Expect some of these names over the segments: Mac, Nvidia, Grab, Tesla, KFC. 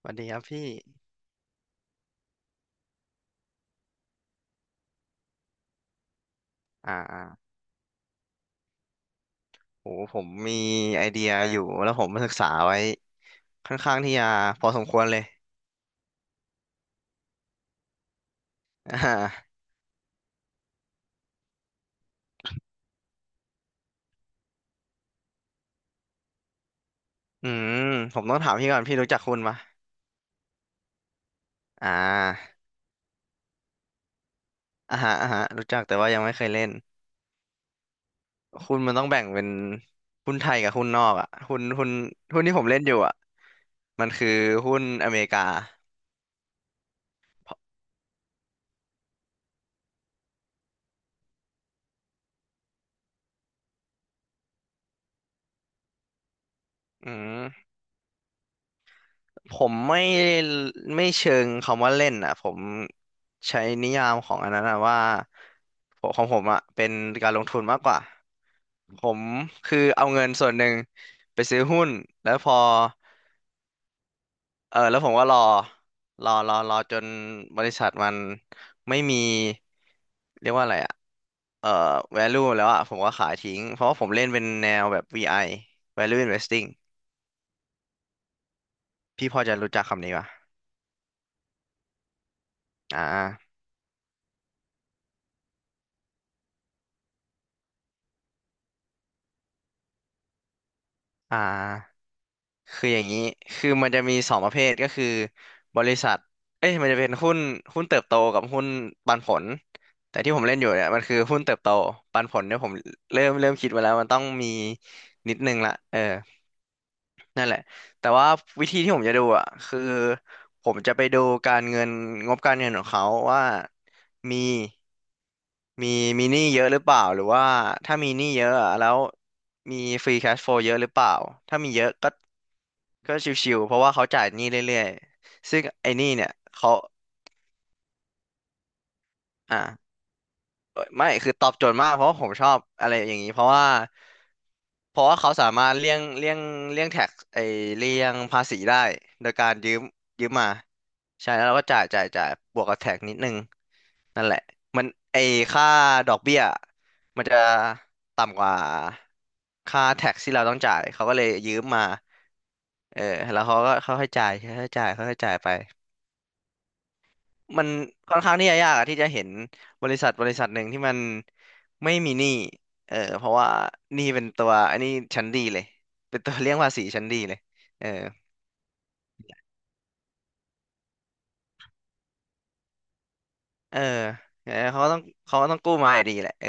สวัสดีครับพี่อ่าอ่าโหผมมีไอเดียอยู่แล้วผมมาศึกษาไว้ค่อนข้างที่จะพอสมควรเลย อ่าอืมผมต้องถามพี่ก่อนพี่รู้จักคุณปะอ่าอ่าฮะอ่าฮะรู้จักแต่ว่ายังไม่เคยเล่น คุณมันต้องแบ่งเป็นหุ้นไทยกับหุ้นนอกอ่ะหุ้นที่ผมเล่นอยู่อ่ะมันคือหุ้นอเมริกาอืม ผมไม่เชิงคำว่าเล่นอ่ะผมใช้นิยามของอันนั้นอะว่าผมของผมอ่ะเป็นการลงทุนมากกว่าผมคือเอาเงินส่วนหนึ่งไปซื้อหุ้นแล้วพอเออแล้วผมก็รอจนบริษัทมันไม่มีเรียกว่าอะไรอ่ะเอ่อ value แล้วอ่ะผมก็ขายทิ้งเพราะว่าผมเล่นเป็นแนวแบบ VI value investing พี่พอจะรู้จักคำนี้ป่ะอ่าอ่า คืออย่างนี้ คือมันจะมีสองประเภทก็คือบริษัทเอ้ยมันจะเป็นหุ้นเติบโตกับหุ้นปันผล แต่ที่ผมเล่นอยู่เนี่ยมันคือหุ้นเติบโตปันผลเนี่ยผมเริ่มคิดไว้แล้วมันต้องมีนิดนึงละเออ นั่นแหละแต่ว่าวิธีที่ผมจะดูอ่ะคือผมจะไปดูการเงินงบการเงินของเขาว่ามีมีมีหนี้เยอะหรือเปล่าหรือว่าถ้ามีหนี้เยอะอะแล้วมีฟรีแคชโฟลเยอะหรือเปล่าถ้ามีเยอะก็ก็ชิวๆเพราะว่าเขาจ่ายหนี้เรื่อยๆซึ่งไอ้หนี้เนี่ยเขาอ่ะ เอ้ยไม่คือตอบโจทย์มากเพราะว่าผมชอบอะไรอย่างนี้เพราะว่าเขาสามารถเลี่ยงแท็กไอเลี่ยงภาษีได้โดยการยืมมาใช่แล้วเราก็จ่ายบวกกับแท็กนิดนึงนั่นแหละมันไอค่าดอกเบี้ยมันจะต่ำกว่าค่าแท็กที่เราต้องจ่ายเขาก็เลยยืมมาเออแล้วเขาก็เขาให้จ่ายเขาให้จ่ายเขาให้จ่ายไป มันค่อนข้างที่จะยากอะที่จะเห็นบริษัทหนึ่งที่มันไม่มีหนี้เออเพราะว่าหนี้เป็นตัวอันนี้ชั้นดีเลยเป็นตัวเลี่ยงภาษีชั้นดีเลยเออเออเออเขาก็ต้องกู้มาอยู่ดีแหละเออ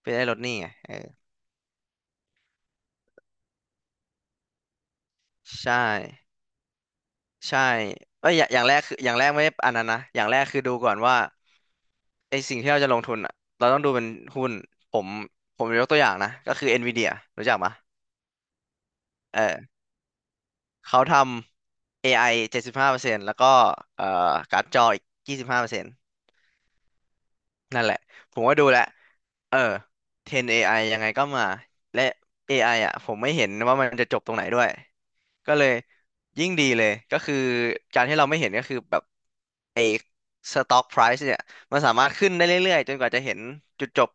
เพื่อได้ลดหนี้ไงเออใช่ใช่เอ้ยอย่างแรกคืออย่างแรกไม่ได้อันนั้นนะอย่างแรกคือดูก่อนว่าไอสิ่งที่เราจะลงทุนอ่ะเราต้องดูเป็นหุ้นผมผมยกตัวอย่างนะก็คือ Nvidia รู้จักปะเออ เขาทำ AI 75%แล้วก็เอ่อการ์ดจออีกยี่สิบห้าเปอร์เซ5นต์นั่นแหละผมก็ดูแล้วเออ10 AI ยังไงก็มาและ AI อไออ่ะผมไม่เห็นว่ามันจะจบตรงไหนด้วยก็เลยยิ่งดีเลยก็คือการที่เราไม่เห็นก็คือแบบไอ้ stock price เนี่ยมันสามารถขึ้นได้เรื่อยๆจนกว่าจะเห็นจุดจบ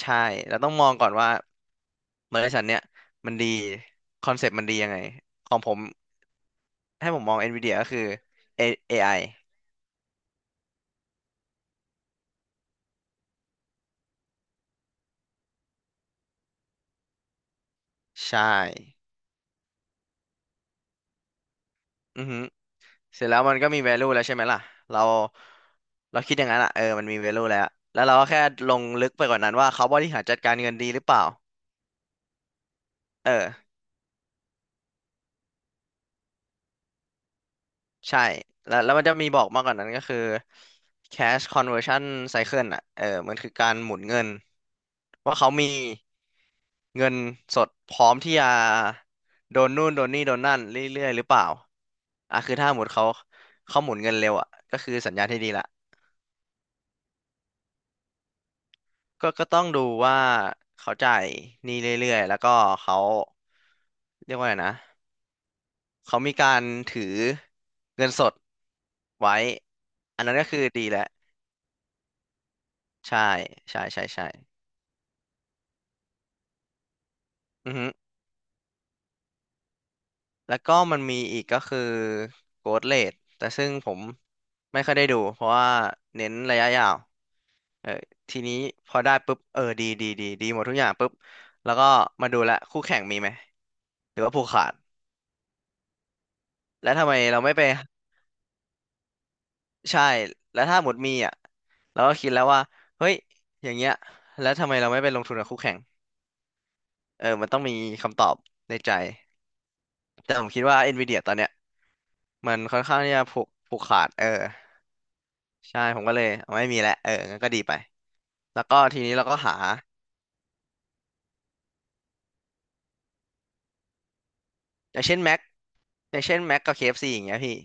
ใช่เราต้องมองก่อนว่าบริษัทเนี่ยมันดีคอนเซ็ปต์มันดียังไงของผม ให้ผมมอง NVIDIA ก็คือ A- เอไ i ใช่อือฮึเสร็จแล้วมันก็มี value แล้วใช่ไหมล่ะเราเราคิดอย่างนั้นอ่ะเออมันมี value แล้วแล้วเราก็แค่ลงลึกไปกว่านั้นว่าเขาบริหารจัดการเงินดีหรือเปล่าเออใช่แล้วมันจะมีบอกมากกว่านั้นก็คือ cash conversion cycle อ่ะเออมันคือการหมุนเงินว่าเขามี เงินสดพร้อมที่จะโดนนู่นโดนนี่โดนนั่นเรื่อยๆหรือเปล่าอ่ะคือถ้าหมุดเขาเขาหมุนเงินเร็วอ่ะก็คือสัญญาณที่ดีละก็ต้องดูว่าเขาจ่ายหนี้เรื่อยๆแล้วก็เขาเรียกว่าไงนะเขามีการถือเงินสดไว้อันนั้นก็คือดีแหละใช่ใช่อือฮึแล้วก็มันมีอีกก็คือ growth rate แต่ซึ่งผมไม่ค่อยได้ดูเพราะว่าเน้นระยะยาว เออทีนี้พอได้ปุ๊บเออดีหมดทุกอย่างปุ๊บแล้วก็มาดูละคู่แข่งมีไหมหรือว่าผูกขาดแล้วทำไมเราไม่ไปใช่แล้วถ้าหมดมีอ่ะเราก็คิดแล้วว่าเฮ้ยอย่างเงี้ยแล้วทำไมเราไม่ไปลงทุนกับคู่แข่งเออมันต้องมีคำตอบในใจแต่ผมคิดว่า NVIDIA ตอนเนี้ยมันค่อนข้างที่จะผูกขาดเออใช่ผมก็เลยเอาไม่มีแล้วเอองั้นก็ดีไปแล้วก็ทีนี้เราก็หาอย่างเช่น Mac อย่างเช่น Mac กับเคเอฟซีอย่างเงี้ยพี่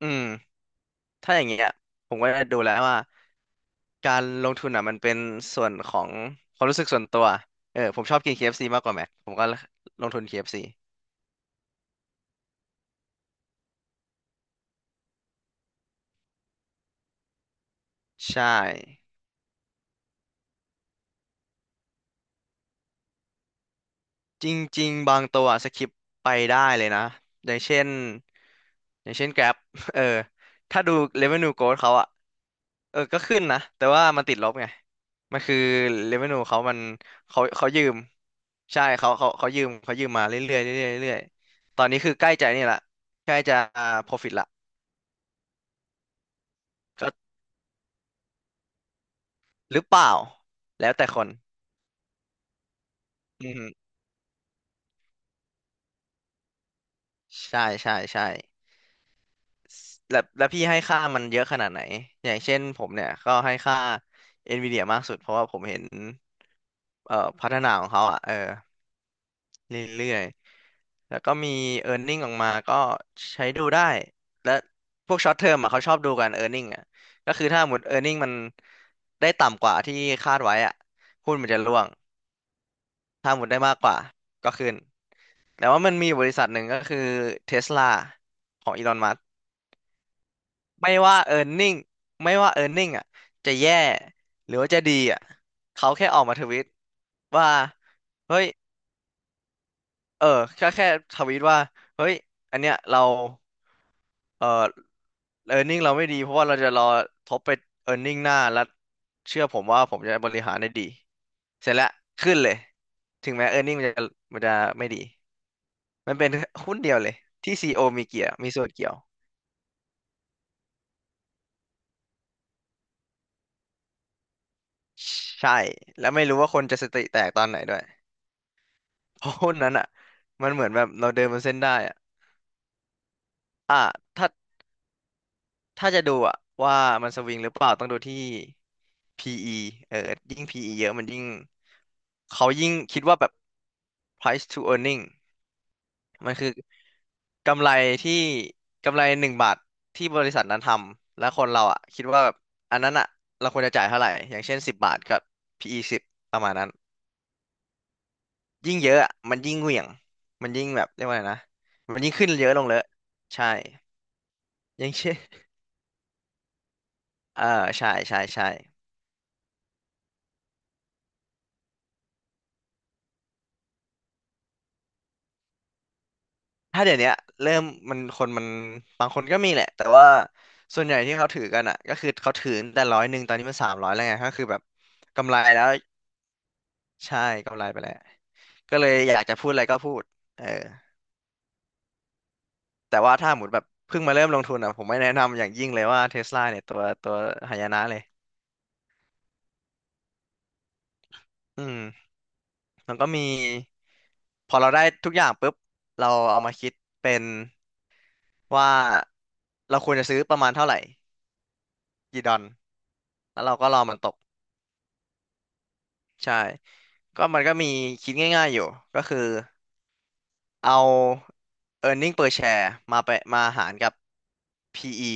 อืม ถ้าอย่างเงี้ยผมก็จะดูแล้วว่าการลงทุนอ่ะมันเป็นส่วนของความรู้สึกส่วนตัวผมชอบกิน KFC มากกว่าแม็กผมก็ลงทุน KFC ใช่ จริงๆบางตัวสคิปไปได้เลยนะอย่างเช่นอย่างเช่น Grab เออถ้าดู revenue growth เขาอะก็ขึ้นนะแต่ว่ามันติดลบไงมันคือ revenue เขามันเขายืมใช่เขาเขายืมมาเรื่อยๆเรื่อยๆเรื่อยๆตอนนี้คือใกล้จะนี่ละใกล้จะ profit ละก็หรือเปล่าแล้วแต่คนอืมใช่ใช่ใช่ แล้วพี่ให้ค่ามันเยอะขนาดไหนอย่างเช่นผมเนี่ยก็ให้ค่า NVIDIA มากสุดเพราะว่าผมเห็นพัฒนาของเขาอ่ะเรื่อยๆแล้วก็มี earning ออกมาก็ใช้ดูได้และพวก short term อ่ะเขาชอบดูกัน earning อ่ะก็คือถ้าหมด earning มันได้ต่ำกว่าที่คาดไว้อ่ะหุ้นมันจะร่วงถ้าหมดได้มากกว่าก็ขึ้นแต่ว่ามันมีบริษัทหนึ่งก็คือ Tesla ของอีลอนมั ไม่ว่า earning ไม่ว่า earning อ่ะจะแย่หรือว่าจะดีอ่ะเขาแค่ออกมาทวิตว่าเฮ้ยเออแค่ทวิตว่าเฮ้ยอันเนี้ยเราเออ earning เราไม่ดีเพราะว่าเราจะรอทบไป earning หน้าแล้วเชื่อผมว่าผมจะบริหารได้ดีเสร็จแล้วขึ้นเลยถึงแม้ earning มันจะไม่ดีมันเป็นหุ้นเดียวเลยที่ c โ o มีเกี่ยวมีส่วนเกี่ยวใช่แล้วไม่รู้ว่าคนจะสติแตกตอนไหนด้วย เพราะหุ้นนั้นอ่ะมันเหมือนแบบเราเดินบนเส้นได้อ่ะอ่ะถ้าถ้าจะดูอ่ะว่ามันสวิงหรือเปล่าต้องดูที่ PE เออยิ่ง PE เยอะมันยิ่งเขายิ่งคิดว่าแบบ price to earning มันคือกำไรที่กำไร1 บาทที่บริษัทนั้นทำแล้วคนเราอ่ะคิดว่าแบบอันนั้นอ่ะเราควรจะจ่ายเท่าไหร่อย่างเช่น10 บาทกับ PE 10ประมาณนั้นยิ่งเยอะอะมันยิ่งเหวี่ยงมันยิ่งแบบเรียกว่าไงนะมันยิ่งขึ้นเยอะลงเลยอะใช่ อย่างเช่น เออใช่ ใช่ ใช่ ถ้าเดี๋ยวเนี้ยเริ่มมันคนมัน บางคนก็มีแหละแต่ว่าส่วนใหญ่ที่เขาถือกันอ่ะก็คือเขาถือแต่100ตอนนี้มัน300แล้วไงก็คือแบบกำไรแล้วใช่กำไรไปแล้วก็เลยอยากจะพูดอะไรก็พูดเออแต่ว่าถ้าหมุดแบบเพิ่งมาเริ่มลงทุนอ่ะผมไม่แนะนำอย่างยิ่งเลยว่าเทสลาเนี่ยตัวหายนะเลยอืมมันก็มีพอเราได้ทุกอย่างปุ๊บเราเอามาคิดเป็นว่าเราควรจะซื้อประมาณเท่าไหร่กี่ดอน แล้วเราก็รอมันตกใช่ก็มันก็มีคิดง่ายๆอยู่ก็คือเอา earning per share มาไปมาหารกับ PE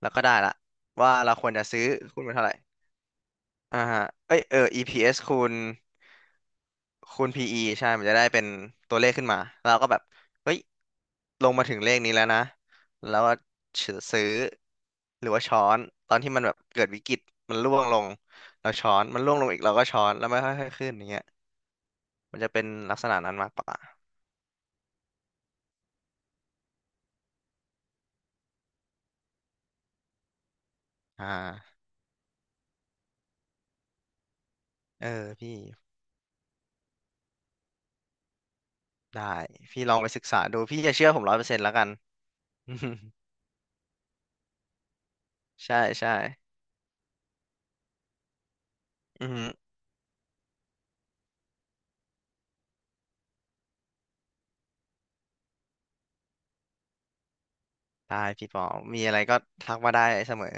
แล้วก็ได้ละว่าเราควรจะซื้อหุ้นมันเท่าไหร่อ่าฮะเอ้ยEPS คูณ PE ใช่มันจะได้เป็นตัวเลขขึ้นมาแล้วเราก็แบบเฮ้ยลงมาถึงเลขนี้แล้วนะแล้วก็ซื้อหรือว่าช้อนตอนที่มันแบบเกิดวิกฤตมันร่วงลงเราช้อนมันร่วงลงอีกเราก็ช้อนแล้วไม่ค่อยๆขึ้นอย่างเงี้ย มันจะเป็นลักษณะนั้นมากกว่าอ่า เออพี่ได้พี่ลองไปศึกษาดูพี่จะเชื่อผม100%แล้วกัน ใช่ใช่อือฮึได้พี่ปอมีอะไรก็ทักมาได้เสมอ